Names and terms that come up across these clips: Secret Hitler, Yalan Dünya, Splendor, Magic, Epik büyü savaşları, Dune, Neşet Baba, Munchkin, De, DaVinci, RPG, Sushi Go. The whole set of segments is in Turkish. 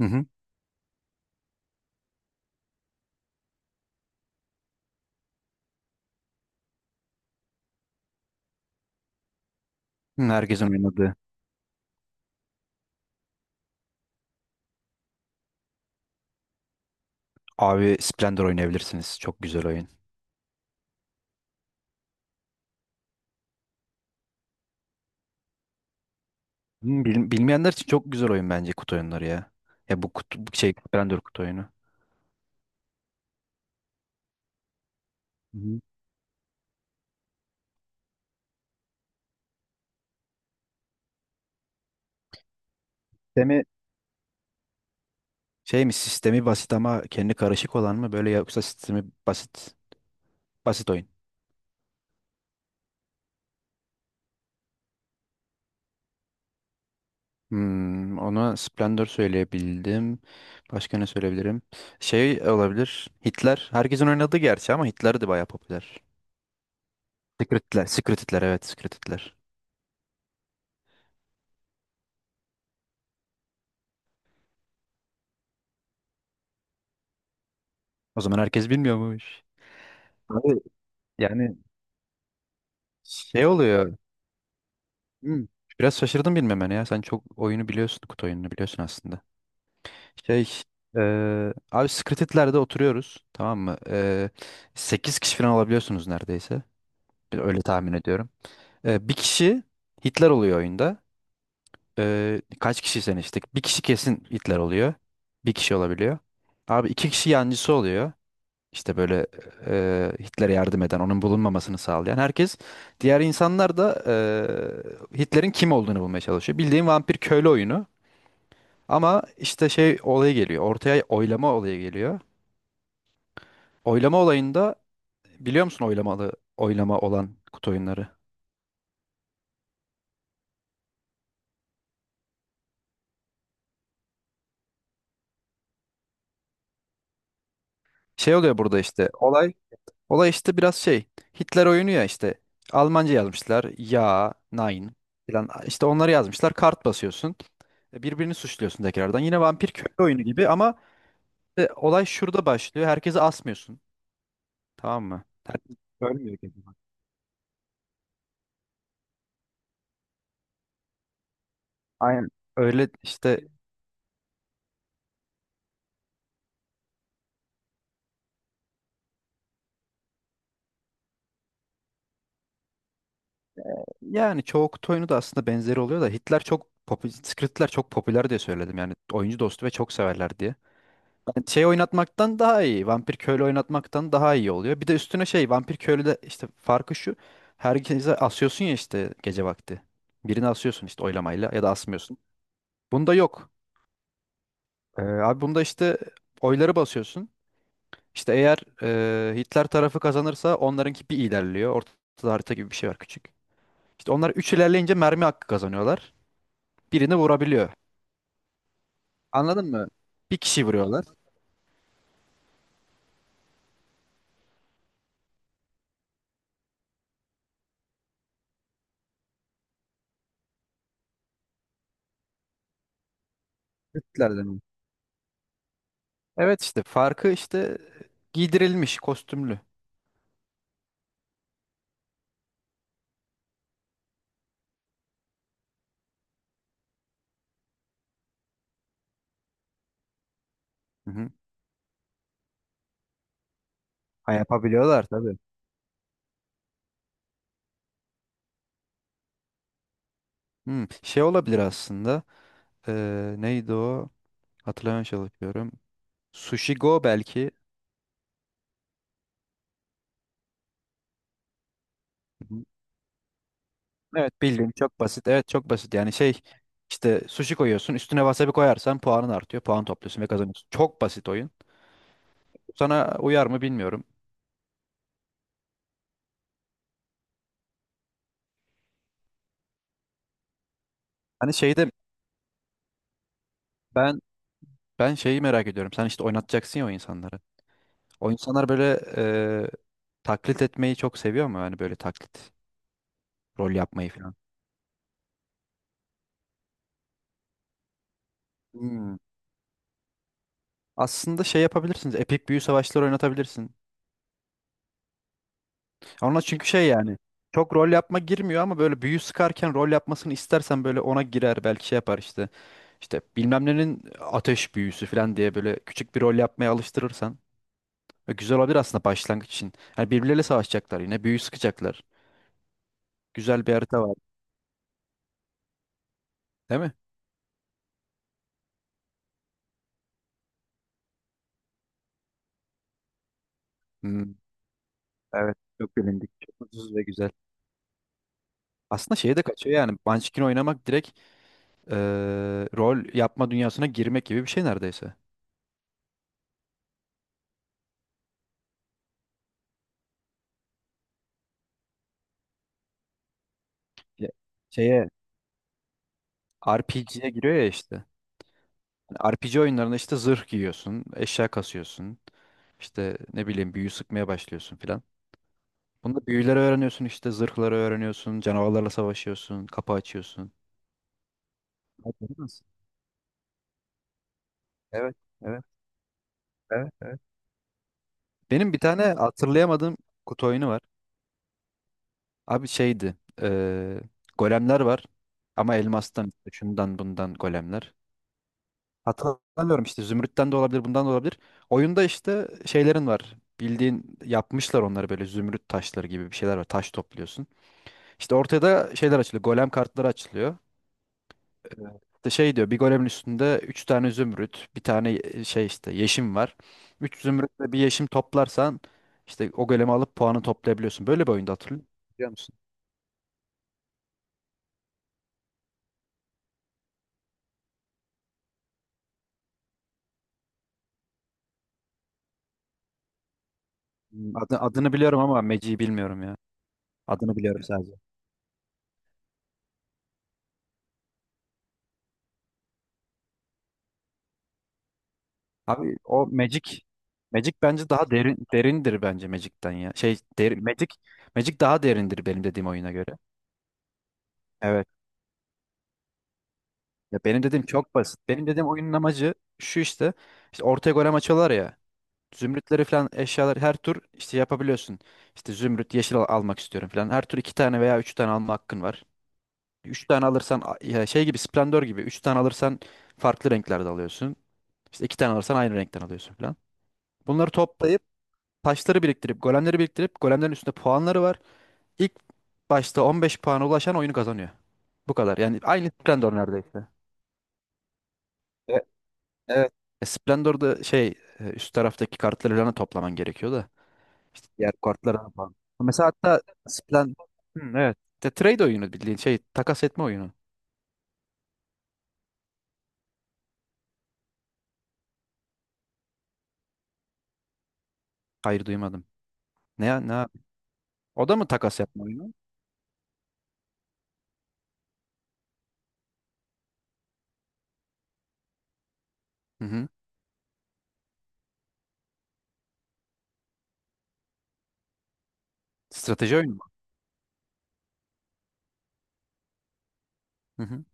Hı hı. Hı, herkesin oynadığı. Abi Splendor oynayabilirsiniz. Çok güzel oyun. Hı, bilmeyenler için çok güzel oyun bence kutu oyunları ya. Ya bu kutu, bu şey Splendor kutu oyunu. Hı hı. Sistemi şey mi, sistemi basit ama kendi karışık olan mı böyle, yoksa sistemi basit oyun? Ona Splendor söyleyebildim. Başka ne söyleyebilirim? Şey olabilir. Hitler. Herkesin oynadığı gerçi ama Hitler de bayağı popüler. Secret Hitler. Secret Hitler, evet, Secret Hitler. O zaman herkes bilmiyormuş. Abi, yani şey oluyor. hmm, Biraz şaşırdım bilmemene ya. Sen çok oyunu biliyorsun. Kutu oyununu biliyorsun aslında. Şey abi, Secreted'lerde oturuyoruz. Tamam mı? 8 kişi falan olabiliyorsunuz neredeyse. Öyle tahmin ediyorum. Bir kişi Hitler oluyor oyunda. Kaç kişi sen işte? Bir kişi kesin Hitler oluyor. Bir kişi olabiliyor. Abi iki kişi yancısı oluyor. İşte böyle, Hitler'e yardım eden, onun bulunmamasını sağlayan herkes, diğer insanlar da Hitler'in kim olduğunu bulmaya çalışıyor. Bildiğin vampir köylü oyunu. Ama işte şey olayı geliyor. Ortaya oylama olayı geliyor. Oylama olayında, biliyor musun oylamalı oylama olan kutu oyunları? Şey oluyor burada işte. Olay, olay işte biraz şey. Hitler oyunu ya işte. Almanca yazmışlar. Ya, nein falan. İşte onları yazmışlar. Kart basıyorsun. Birbirini suçluyorsun tekrardan. Yine vampir köylü oyunu gibi ama İşte olay şurada başlıyor. Herkese asmıyorsun. Tamam mı? Herkes ölmüyor kendini. Aynen öyle işte, yani çoğu kutu oyunu da aslında benzeri oluyor da Hitler çok Skritler çok popüler diye söyledim yani, oyuncu dostu ve çok severler diye. Yani şey oynatmaktan daha iyi, vampir köylü oynatmaktan daha iyi oluyor. Bir de üstüne şey, vampir köylüde işte farkı şu: herkese asıyorsun ya işte gece vakti. Birini asıyorsun işte oylamayla, ya da asmıyorsun. Bunda yok. Abi bunda işte oyları basıyorsun. İşte eğer Hitler tarafı kazanırsa onlarınki bir ilerliyor. Ortada harita gibi bir şey var, küçük. İşte onlar 3 ilerleyince mermi hakkı kazanıyorlar. Birini vurabiliyor. Anladın mı? Bir kişi vuruyorlar. Hitler'den mi? Evet, işte farkı işte giydirilmiş, kostümlü. Hı hı. Ha, yapabiliyorlar tabii. Hı, şey olabilir aslında. Neydi o? Hatırlamaya çalışıyorum. Sushi Go belki. Evet, bildiğin çok basit. Evet, çok basit. Yani şey işte sushi koyuyorsun, üstüne wasabi koyarsan puanın artıyor. Puan topluyorsun ve kazanıyorsun. Çok basit oyun. Sana uyar mı bilmiyorum. Hani şeyde ben ben şeyi merak ediyorum. Sen işte oynatacaksın ya o insanları. O insanlar böyle, e, taklit etmeyi çok seviyor mu? Hani böyle taklit, rol yapmayı falan. Hmm. Aslında şey yapabilirsiniz. Epik büyü savaşları oynatabilirsin. Ona çünkü şey yani çok rol yapma girmiyor ama böyle büyü sıkarken rol yapmasını istersen böyle ona girer belki, şey yapar işte. İşte bilmem nenin ateş büyüsü falan diye böyle küçük bir rol yapmaya alıştırırsan. Güzel olabilir aslında başlangıç için. Hani birbirleriyle savaşacaklar, yine büyü sıkacaklar. Güzel bir harita var, değil mi? Hmm, evet, çok bilindik. Çok ucuz ve güzel. Aslında şeye de kaçıyor yani, Munchkin oynamak direkt eee, rol yapma dünyasına girmek gibi bir şey neredeyse. Ya- Şeye RPG'ye giriyor ya işte. RPG oyunlarında işte zırh giyiyorsun, eşya kasıyorsun. İşte ne bileyim büyü sıkmaya başlıyorsun filan. Bunda büyüleri öğreniyorsun, işte zırhları öğreniyorsun, canavarlarla savaşıyorsun, kapı açıyorsun. Ay, evet, evet, evet. Benim bir tane hatırlayamadığım kutu oyunu var. Abi şeydi, eee, golemler var, ama elmastan işte, şundan bundan golemler. Hatırlamıyorum işte, zümrütten de olabilir, bundan da olabilir. Oyunda işte şeylerin var. Bildiğin yapmışlar onları, böyle zümrüt taşları gibi bir şeyler var. Taş topluyorsun. İşte ortaya da şeyler açılıyor. Golem kartları açılıyor. İşte şey diyor, bir golemin üstünde 3 tane zümrüt, bir tane şey işte yeşim var. 3 zümrüt ve bir yeşim toplarsan işte o golemi alıp puanı toplayabiliyorsun. Böyle bir oyunda, hatırlıyorum. Musun? Hmm. Adı, adını biliyorum ama Magic'i bilmiyorum ya. Adını biliyorum sadece. Abi o Magic bence daha derin, derindir bence Magic'ten ya. Şey derin Magic, Magic daha derindir benim dediğim oyuna göre. Evet. Ya benim dediğim çok basit. Benim dediğim oyunun amacı şu işte. İşte ortaya golem açıyorlar ya. Zümrütleri falan, eşyalar her tur işte yapabiliyorsun. İşte zümrüt yeşil almak istiyorum falan. Her tur iki tane veya üç tane alma hakkın var. Üç tane alırsan ya şey gibi, Splendor gibi. Üç tane alırsan farklı renklerde alıyorsun. İşte iki tane alırsan aynı renkten alıyorsun falan. Bunları toplayıp, taşları biriktirip, golemleri biriktirip, golemlerin üstünde puanları var. İlk başta 15 puana ulaşan oyunu kazanıyor. Bu kadar. Yani aynı Splendor neredeyse. E- Evet. Splendor'da şey, üst taraftaki kartları falan da toplaman gerekiyor da. İşte diğer kartlara falan. Mesela hatta Splen evet. De, trade oyunu, bildiğin şey, takas etme oyunu. Hayır, duymadım. Ne ne, abi? O da mı takas yapma oyunu? Hı hı. Strateji oyunu mu? Hı hı.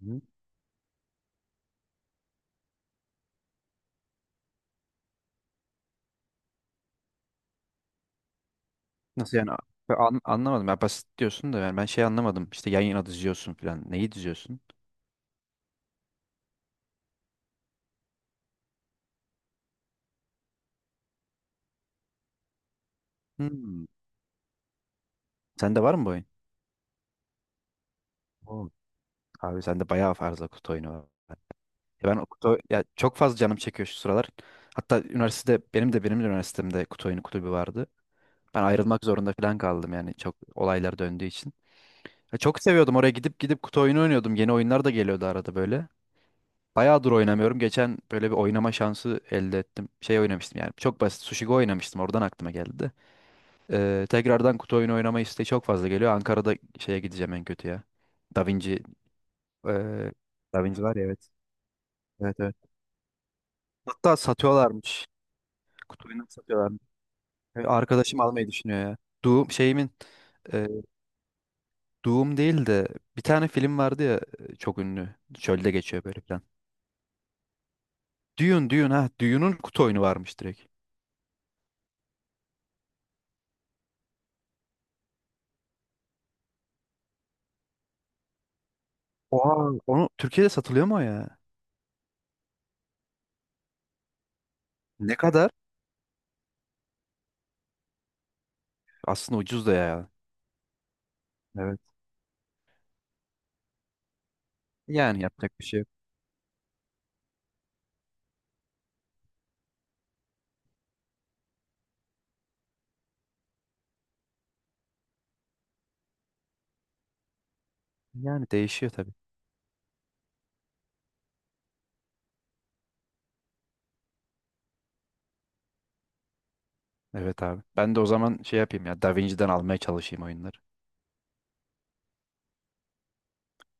Hı. Nasıl yani? Ben anlamadım. Ya basit diyorsun da, yani ben şey anlamadım. İşte yan yana diziyorsun falan. Neyi diziyorsun? Hmm. Sende var mı bu oyun? Oo. Abi sende bayağı fazla kutu oyunu var. Ya ben o kutu ya, çok fazla canım çekiyor şu sıralar. Hatta üniversitede benim de üniversitemde kutu oyunu kulübü vardı. Ben ayrılmak zorunda falan kaldım yani, çok olaylar döndüğü için. Ya çok seviyordum, oraya gidip gidip kutu oyunu oynuyordum. Yeni oyunlar da geliyordu arada böyle. Bayağıdır oynamıyorum. Geçen böyle bir oynama şansı elde ettim. Şey oynamıştım yani, çok basit Sushi oynamıştım, oradan aklıma geldi de. Tekrardan kutu oyunu oynama isteği çok fazla geliyor. Ankara'da şeye gideceğim en kötü ya. Da Vinci, ee, Da Vinci var ya, evet. Evet, evet. Hatta satıyorlarmış. Kutu oyunu satıyorlarmış. Arkadaşım almayı düşünüyor ya. Doom şeyimin, e, Doom değil de bir tane film vardı ya, çok ünlü. Çölde geçiyor böyle falan. Dune, Dune, ha. Dune'un kutu oyunu varmış direkt. Oha. Onu Türkiye'de satılıyor mu o ya? Ne kadar? Aslında ucuz da ya. Evet. Yani yapacak bir şey yok. Yani değişiyor tabii. Evet, abi. Ben de o zaman şey yapayım ya. DaVinci'den almaya çalışayım oyunları.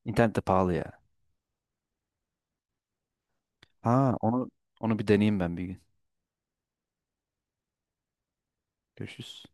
İnternette pahalı ya. Ha, onu bir deneyeyim ben bir gün. Görüşürüz.